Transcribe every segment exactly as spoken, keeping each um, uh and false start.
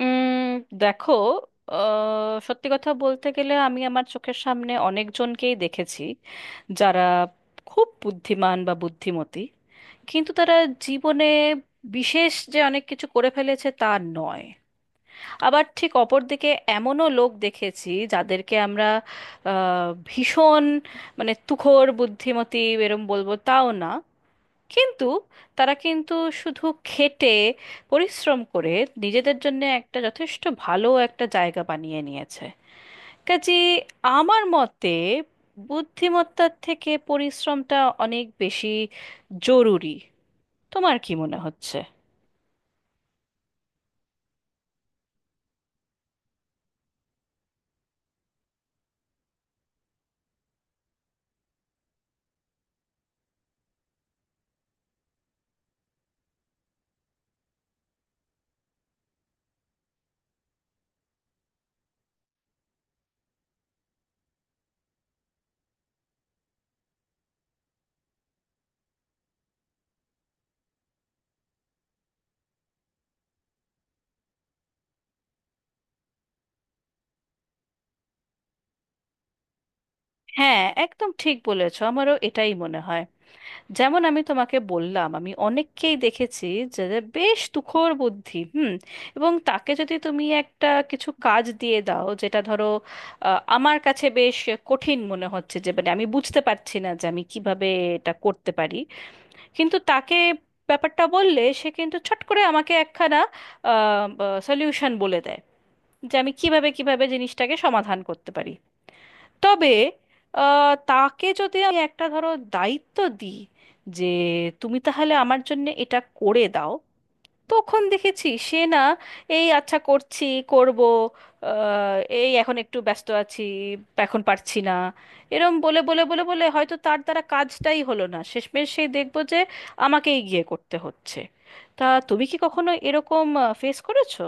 উম দেখো, আহ, সত্যি কথা বলতে গেলে আমি আমার চোখের সামনে অনেকজনকেই দেখেছি যারা খুব বুদ্ধিমান বা বুদ্ধিমতী, কিন্তু তারা জীবনে বিশেষ যে অনেক কিছু করে ফেলেছে তা নয়। আবার ঠিক অপরদিকে এমনও লোক দেখেছি যাদেরকে আমরা আহ, ভীষণ মানে তুখোড় বুদ্ধিমতী এরম বলবো তাও না, কিন্তু তারা কিন্তু শুধু খেটে পরিশ্রম করে নিজেদের জন্য একটা যথেষ্ট ভালো একটা জায়গা বানিয়ে নিয়েছে। কাজে আমার মতে বুদ্ধিমত্তার থেকে পরিশ্রমটা অনেক বেশি জরুরি। তোমার কি মনে হচ্ছে? হ্যাঁ, একদম ঠিক বলেছো, আমারও এটাই মনে হয়। যেমন আমি তোমাকে বললাম, আমি অনেককেই দেখেছি যাদের বেশ তুখোড় বুদ্ধি। হুম। এবং তাকে যদি তুমি একটা কিছু কাজ দিয়ে দাও, যেটা ধরো আহ, আমার কাছে বেশ কঠিন মনে হচ্ছে, যে মানে আমি বুঝতে পারছি না যে আমি কিভাবে এটা করতে পারি, কিন্তু তাকে ব্যাপারটা বললে সে কিন্তু ছট করে আমাকে একখানা সলিউশন বলে দেয় যে আমি কিভাবে কিভাবে জিনিসটাকে সমাধান করতে পারি। তবে আহ, তাকে যদি আমি একটা ধরো দায়িত্ব দিই যে তুমি তাহলে আমার জন্য এটা করে দাও, তখন দেখেছি সে না, এই আচ্ছা করছি, করব, আহ, এই এখন একটু ব্যস্ত আছি, এখন পারছি না, এরম বলে বলে বলে বলে হয়তো তার দ্বারা কাজটাই হলো না, শেষমেশ সেই দেখবো যে আমাকেই গিয়ে করতে হচ্ছে। তা তুমি কি কখনো এরকম ফেস করেছো?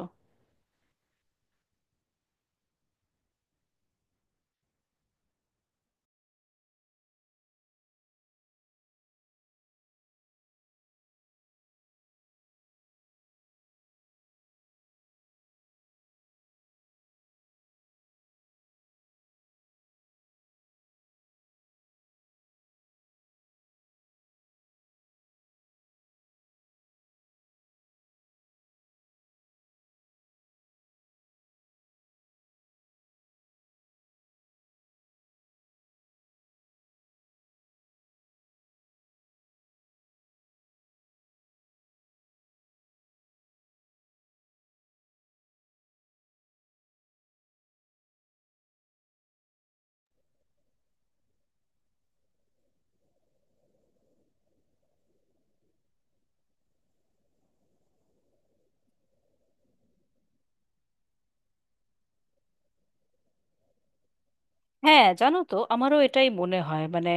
হ্যাঁ, জানো তো আমারও এটাই মনে হয়। মানে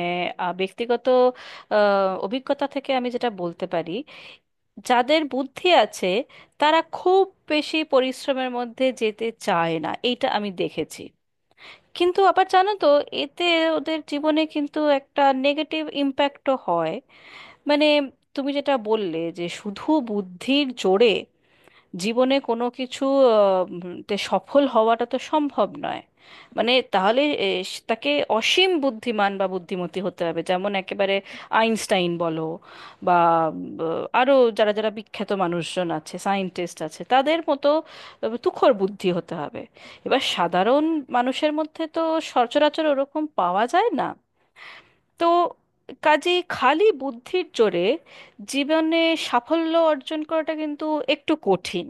আহ, ব্যক্তিগত আহ, অভিজ্ঞতা থেকে আমি যেটা বলতে পারি, যাদের বুদ্ধি আছে তারা খুব বেশি পরিশ্রমের মধ্যে যেতে চায় না, এইটা আমি দেখেছি। কিন্তু আবার জানো তো, এতে ওদের জীবনে কিন্তু একটা নেগেটিভ ইম্প্যাক্টও হয়। মানে তুমি যেটা বললে যে শুধু বুদ্ধির জোরে জীবনে কোনো কিছু আহ, উম, তে সফল হওয়াটা তো সম্ভব নয়। মানে তাহলে এ, স- তাকে অসীম বুদ্ধিমান বা বুদ্ধিমতী হতে হবে, যেমন একেবারে আইনস্টাইন বলো, বা আহ, আরো যারা যারা বিখ্যাত মানুষজন আছে, সায়েন্টিস্ট আছে, তাদের মতো আহ, তুখর বুদ্ধি হতে হবে। এবার সাধারণ মানুষের মধ্যে তো সচরাচর ওরকম পাওয়া যায় না। তো কাজে খালি বুদ্ধির জোরে জীবনে সাফল্য অর্জন করাটা কিন্তু একটু কঠিন।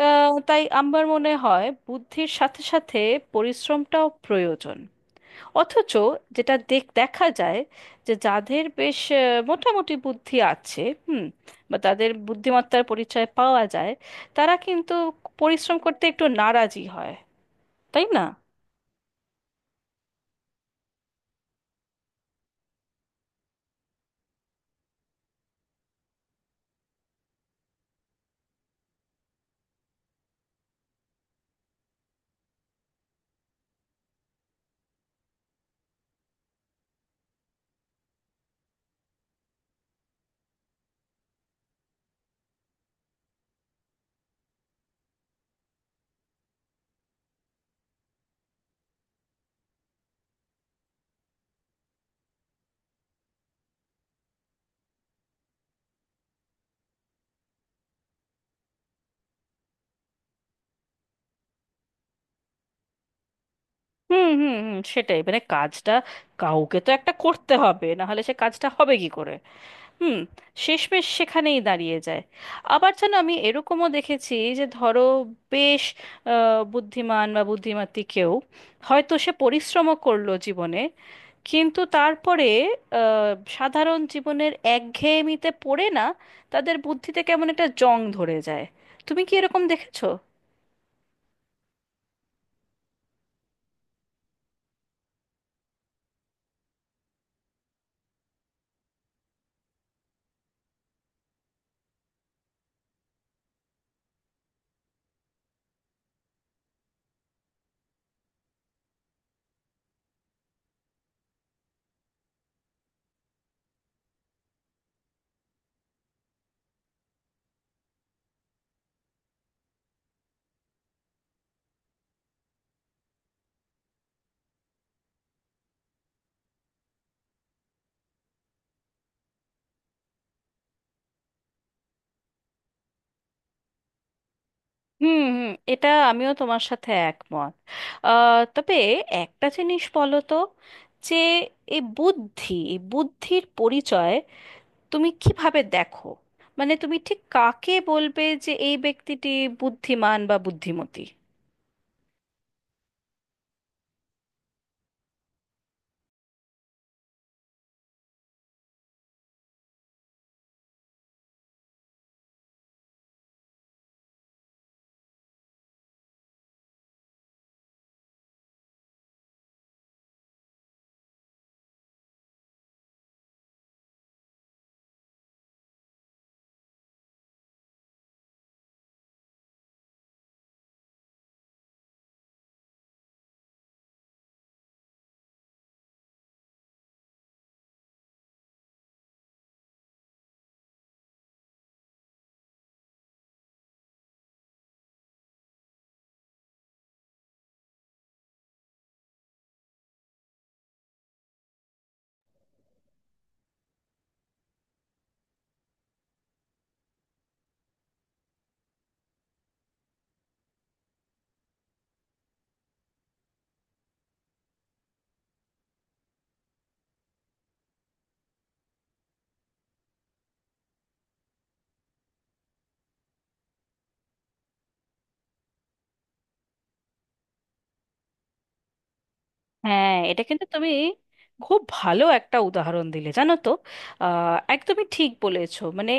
আহ, তাই আমার মনে হয় বুদ্ধির সাথে সাথে পরিশ্রমটাও প্রয়োজন। অথচ যেটা দেখ দেখা যায় যে যাদের বেশ আহ, মোটামুটি বুদ্ধি আছে, হুম, বা তাদের বুদ্ধিমত্তার পরিচয় পাওয়া যায়, তারা কিন্তু পরিশ্রম করতে একটু নারাজি হয়, তাই না? হুম, হুম, হুম, সেটাই। মানে কাজটা কাউকে তো একটা করতে হবে, না হলে সে কাজটা হবে কি করে? হুম। শেষমেশ সেখানেই দাঁড়িয়ে যায়। আবার যেন আমি এরকমও দেখেছি যে ধরো বেশ আহ, বুদ্ধিমান বা বুদ্ধিমতী কেউ হয়তো সে পরিশ্রমও করলো জীবনে, কিন্তু তারপরে আহ, সাধারণ জীবনের একঘেয়েমিতে পড়ে না, তাদের বুদ্ধিতে কেমন একটা জং ধরে যায়। তুমি কি এরকম দেখেছো? হুম, হুম, এটা আমিও তোমার সাথে একমত। আহ, তবে একটা জিনিস বলো তো, যে এই বুদ্ধি, এই বুদ্ধির পরিচয় তুমি কিভাবে দেখো? মানে তুমি ঠিক কাকে বলবে যে এই ব্যক্তিটি বুদ্ধিমান বা বুদ্ধিমতী? হ্যাঁ, এটা কিন্তু তুমি খুব ভালো একটা উদাহরণ দিলে, জানো তো। আহ, একদমই ঠিক বলেছো। মানে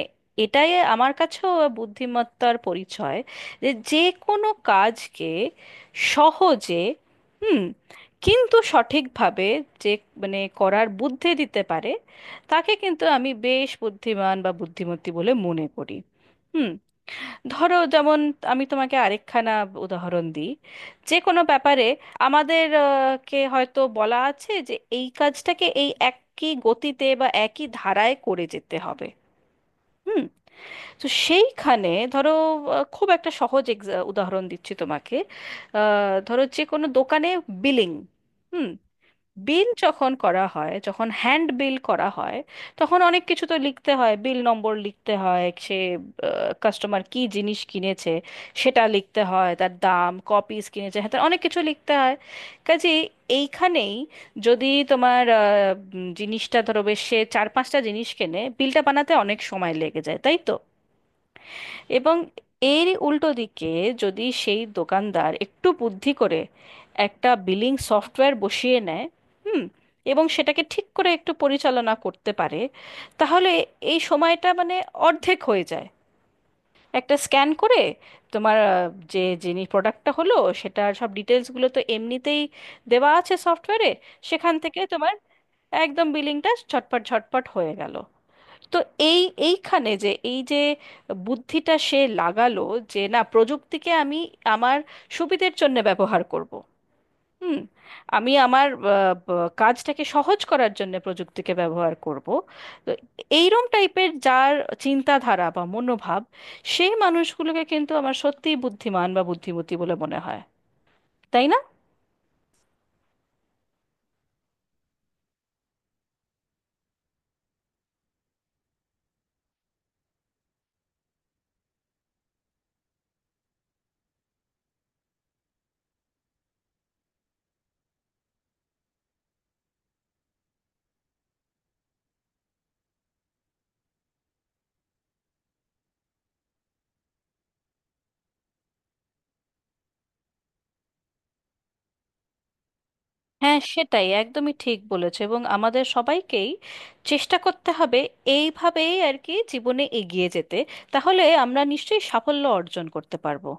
এটাই আমার কাছেও বুদ্ধিমত্তার পরিচয়, যে যে কোনো কাজকে সহজে, হুম, কিন্তু সঠিকভাবে, যে মানে করার বুদ্ধি দিতে পারে, তাকে কিন্তু আমি বেশ বুদ্ধিমান বা বুদ্ধিমতী বলে মনে করি। হুম। ধরো যেমন আমি তোমাকে আরেকখানা উদাহরণ দিই। যে কোনো ব্যাপারে আমাদের আহ, কে হয়তো বলা আছে যে এই কাজটাকে এই একই গতিতে বা একই ধারায় করে যেতে হবে। হুম। তো সেইখানে ধরো, আহ, খুব একটা সহজ exa- উদাহরণ দিচ্ছি তোমাকে। আহ, ধরো যে কোনো দোকানে বিলিং, বিল যখন করা হয়, যখন হ্যান্ড বিল করা হয়, তখন অনেক কিছু তো লিখতে হয়, বিল নম্বর লিখতে হয়, সে কাস্টমার কি জিনিস কিনেছে সেটা লিখতে হয়, তার দাম, ক পিস কিনেছে, হ্যাঁ, তার অনেক কিছু লিখতে হয়। কাজে এইখানেই যদি তোমার আহ, উম, জিনিসটা ধরো বেশ, সে চার পাঁচটা জিনিস কেনে, বিলটা বানাতে অনেক সময় লেগে যায়, তাই তো? এবং এর উল্টো দিকে যদি সেই দোকানদার একটু বুদ্ধি করে একটা বিলিং সফটওয়্যার বসিয়ে নেয়, হুম, এবং সেটাকে ঠিক করে একটু পরিচালনা করতে পারে, তাহলে এই সময়টা মানে অর্ধেক হয়ে যায়। একটা স্ক্যান করে তোমার, আহ, যে যিনি প্রোডাক্টটা হলো সেটার সব ডিটেলসগুলো তো এমনিতেই দেওয়া আছে সফটওয়্যারে, সেখান থেকে তোমার একদম বিলিংটা ঝটপট ঝটপট হয়ে গেল। তো এই এইখানে যে এই যে বুদ্ধিটা সে লাগালো, যে না, প্রযুক্তিকে আমি আমার সুবিধের জন্য ব্যবহার করব। হুম। আমি আমার আহ, ব- কাজটাকে সহজ করার জন্য প্রযুক্তিকে ব্যবহার করব। তো এইরম টাইপের যার চিন্তাধারা বা মনোভাব, সেই মানুষগুলোকে কিন্তু আমার সত্যিই বুদ্ধিমান বা বুদ্ধিমতী বলে মনে হয়, তাই না? হ্যাঁ, সেটাই, একদমই ঠিক বলেছে, এবং আমাদের সবাইকেই চেষ্টা করতে হবে এইভাবেই আর কি জীবনে এগিয়ে যেতে। তাহলে আমরা নিশ্চয়ই সাফল্য অর্জন করতে পারবো।